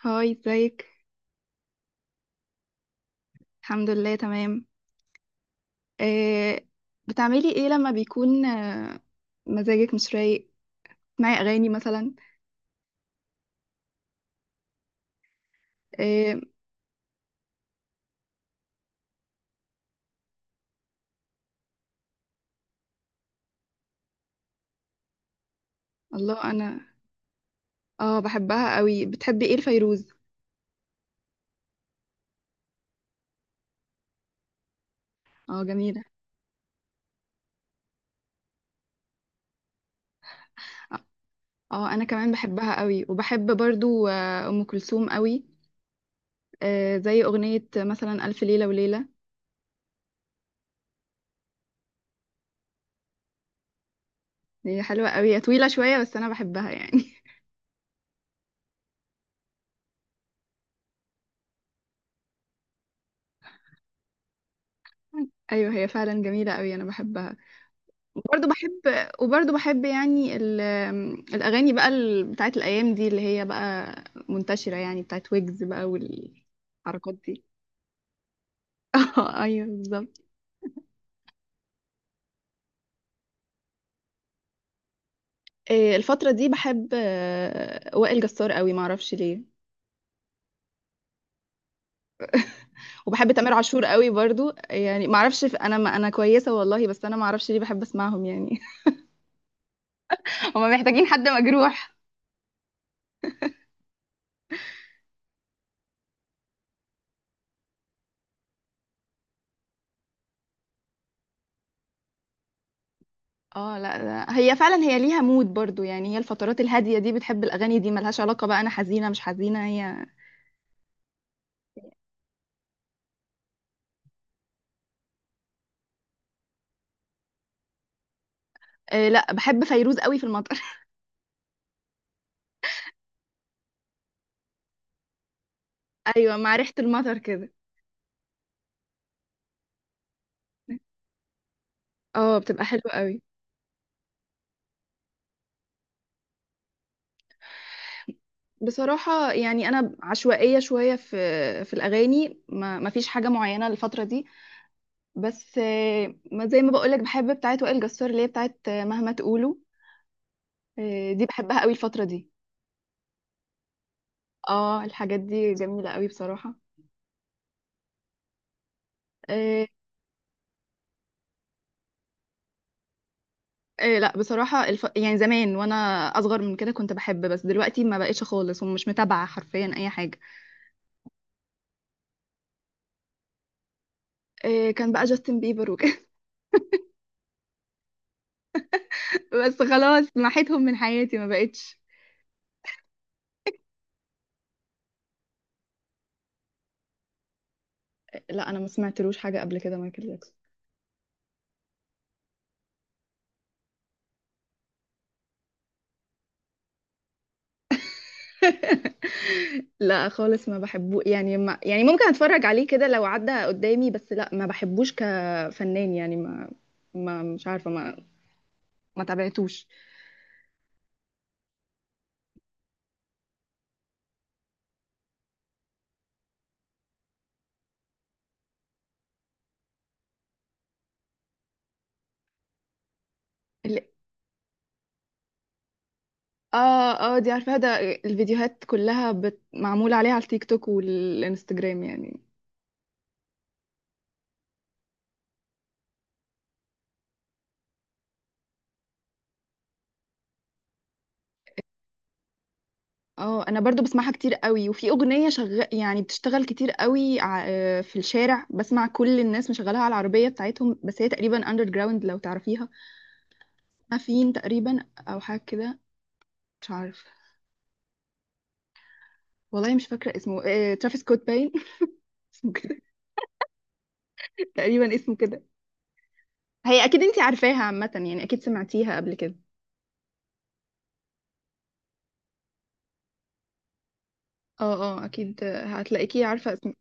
هاي ازيك. الحمد لله تمام. آه بتعملي ايه لما بيكون مزاجك مش رايق، تسمعي اغاني مثلا؟ آه الله، انا اه بحبها قوي. بتحبي ايه الفيروز؟ اه جميلة. اه انا كمان بحبها قوي، وبحب برضو آه ام كلثوم قوي، آه زي اغنية مثلا الف ليلة وليلة. هي حلوة قوي، هي طويلة شوية بس انا بحبها يعني. ايوه هي فعلا جميلة قوي، انا بحبها. وبرضه بحب وبرضه بحب يعني الأغاني بقى بتاعت الأيام دي، اللي هي بقى منتشرة، يعني بتاعت ويجز بقى والحركات دي. اه ايوه بالظبط. إيه، الفترة دي بحب وائل جسار قوي، معرفش ليه. وبحب تامر عاشور قوي برضو، يعني معرفش انا ما انا كويسة والله، بس انا معرفش ليه بحب اسمعهم يعني. هما محتاجين حد مجروح. اه لا لا، هي فعلا هي ليها مود برضو، يعني هي الفترات الهادية دي بتحب الأغاني دي، ملهاش علاقة بقى أنا حزينة مش حزينة هي. آه لا، بحب فيروز قوي في المطر. ايوه، مع ريحة المطر كده. اه بتبقى حلوة قوي. بصراحة يعني انا عشوائية شوية في الاغاني، ما فيش حاجة معينة الفترة دي. بس آه ما زي ما بقولك، بحب بتاعت وائل جسار، اللي هي بتاعت آه، مهما تقولوا، آه دي بحبها قوي الفترة دي. اه الحاجات دي جميلة قوي بصراحة. آه. آه لا بصراحة، يعني زمان وانا اصغر من كده كنت بحب، بس دلوقتي ما بقتش خالص، ومش متابعة حرفيا اي حاجة. آه كان بقى جاستن بيبر وكده، بس خلاص محيتهم من حياتي ما بقتش. لا انا ما سمعتلوش حاجه قبل كده مايكل جاكسون. لا خالص ما بحبه يعني، ما يعني ممكن اتفرج عليه كده لو عدى قدامي، بس لا ما بحبوش كفنان يعني، ما مش عارفه، ما تابعتوش. ال- اه اه دي عارفه ده. الفيديوهات كلها معموله عليها على التيك توك والانستجرام يعني. اه انا برضو بسمعها كتير قوي، وفي اغنيه يعني بتشتغل كتير قوي آه، في الشارع بسمع كل الناس مشغلها على العربيه بتاعتهم، بس هي تقريبا اندر جراوند لو تعرفيها. ما فين تقريبا او حاجه كده، مش عارفه. والله مش فاكره اسمه، آه، ترافيس سكوت باين. اسمه كده تقريبا، اسمه كده. هي اكيد انتي عارفاها عامه يعني، اكيد سمعتيها قبل كده. اه اه اكيد آه، هتلاقيكي عارفه اسم.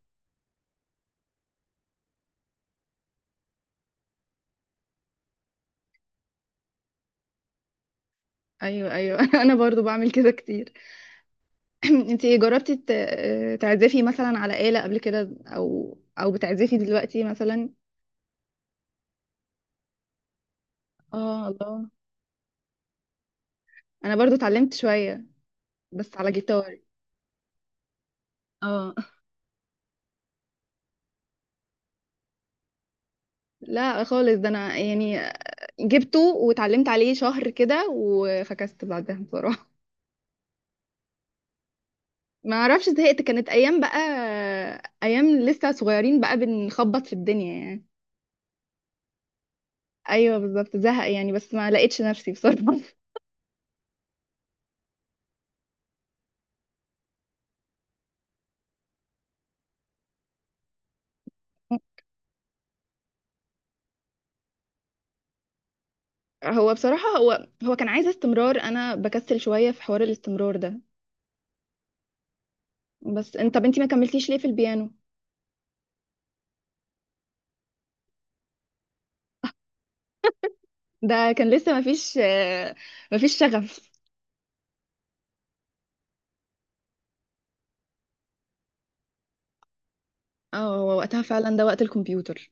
ايوه ايوه. انا برضو بعمل كده كتير. انت جربتي تعزفي مثلا على آلة قبل كده، او بتعزفي دلوقتي مثلا؟ اه الله، انا برضو اتعلمت شوية بس على جيتار. اه لا خالص، ده انا يعني جبته واتعلمت عليه شهر كده، وفكست بعدها بصراحة. ما اعرفش زهقت، كانت ايام بقى، ايام لسه صغيرين بقى، بنخبط في الدنيا يعني. ايوه بالظبط زهق يعني، بس ما لقيتش نفسي بصراحة. هو بصراحة هو كان عايز استمرار، انا بكسل شوية في حوار الاستمرار ده. بس انت، طب انت ما كملتيش ليه في البيانو؟ ده كان لسه ما فيش، ما فيش شغف. اه هو وقتها فعلا ده وقت الكمبيوتر.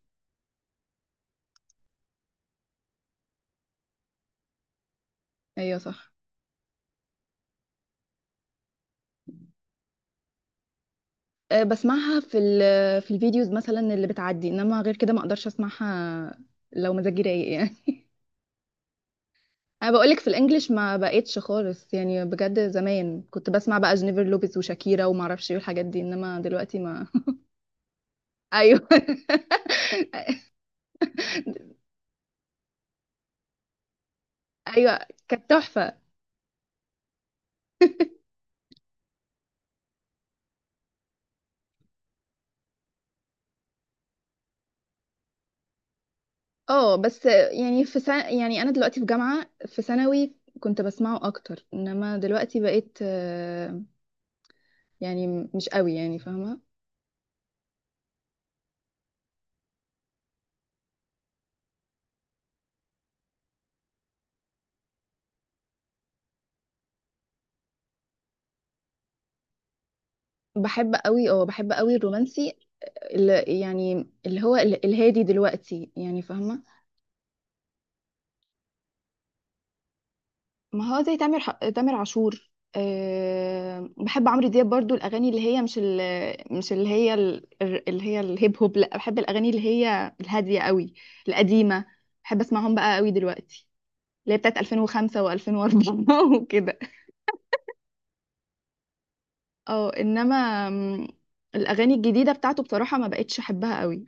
ايوه صح. آه، بسمعها في في الفيديوز مثلا اللي بتعدي، انما غير كده ما اقدرش اسمعها، لو مزاجي رايق يعني. انا بقولك في الانجليش ما بقتش خالص يعني، بجد زمان كنت بسمع بقى جينيفر لوبيز وشاكيرا، وما اعرفش ايه الحاجات دي، انما دلوقتي ما. ايوه. ايوه كانت تحفة. اه بس يعني في سنة، يعني انا دلوقتي في جامعة، في ثانوي كنت بسمعه اكتر، انما دلوقتي بقيت آه، يعني مش قوي، يعني فاهمة. بحب قوي، اه بحب قوي الرومانسي، اللي يعني اللي هو الهادي دلوقتي، يعني فاهمة. ما هو زي تامر تامر عاشور، أه بحب عمرو دياب برضو الاغاني اللي هي مش ال، مش اللي هي اللي هي الهيب هوب، لا بحب الاغاني اللي هي الهادية قوي، القديمة. بحب اسمعهم بقى قوي دلوقتي، اللي هي بتاعت 2005 و2004. وكده. اه انما م، الاغاني الجديده بتاعته بصراحه ما بقتش احبها قوي.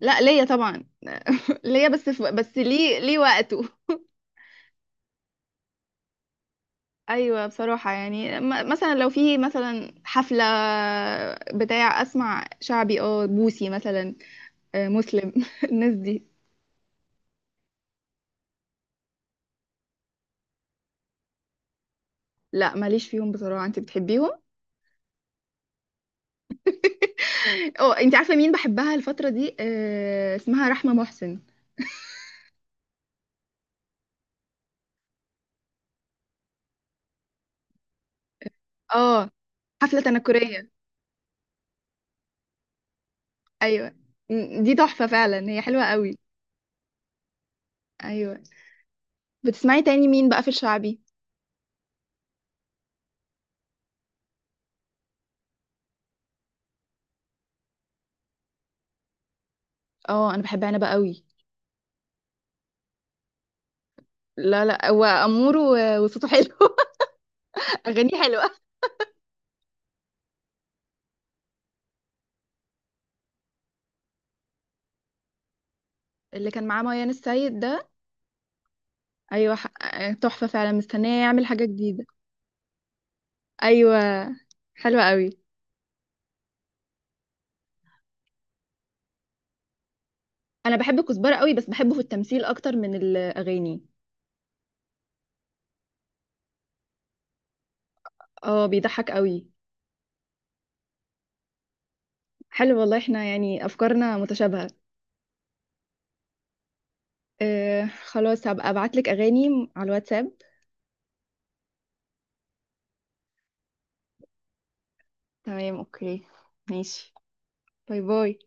لا ليا طبعا. ليا، بس في، بس ليه ليه وقته. ايوه بصراحه يعني مثلا لو في مثلا حفله بتاع اسمع شعبي، اه بوسي مثلا، آه، مسلم. الناس دي. لا ماليش فيهم بصراحه، انت بتحبيهم؟ اه انت عارفه مين بحبها الفتره دي آه، اسمها رحمه محسن. اه حفله تنكريه. ايوه دي تحفة فعلا، هي حلوة قوي. ايوه. بتسمعي تاني مين بقى في الشعبي؟ اه انا بحب عنبة قوي. لا لا هو امور، وصوته حلو، اغانيه حلوة. اللي كان معاه ميان السيد ده. ايوه تحفة فعلا، مستنية يعمل حاجة جديدة. ايوه حلوة قوي. انا بحب كزبرة قوي، بس بحبه في التمثيل اكتر من الاغاني. اه بيضحك قوي. حلو والله، احنا يعني افكارنا متشابهة. آه خلاص، هبقى ابعتلك اغاني على الواتساب. تمام اوكي، ماشي. باي باي.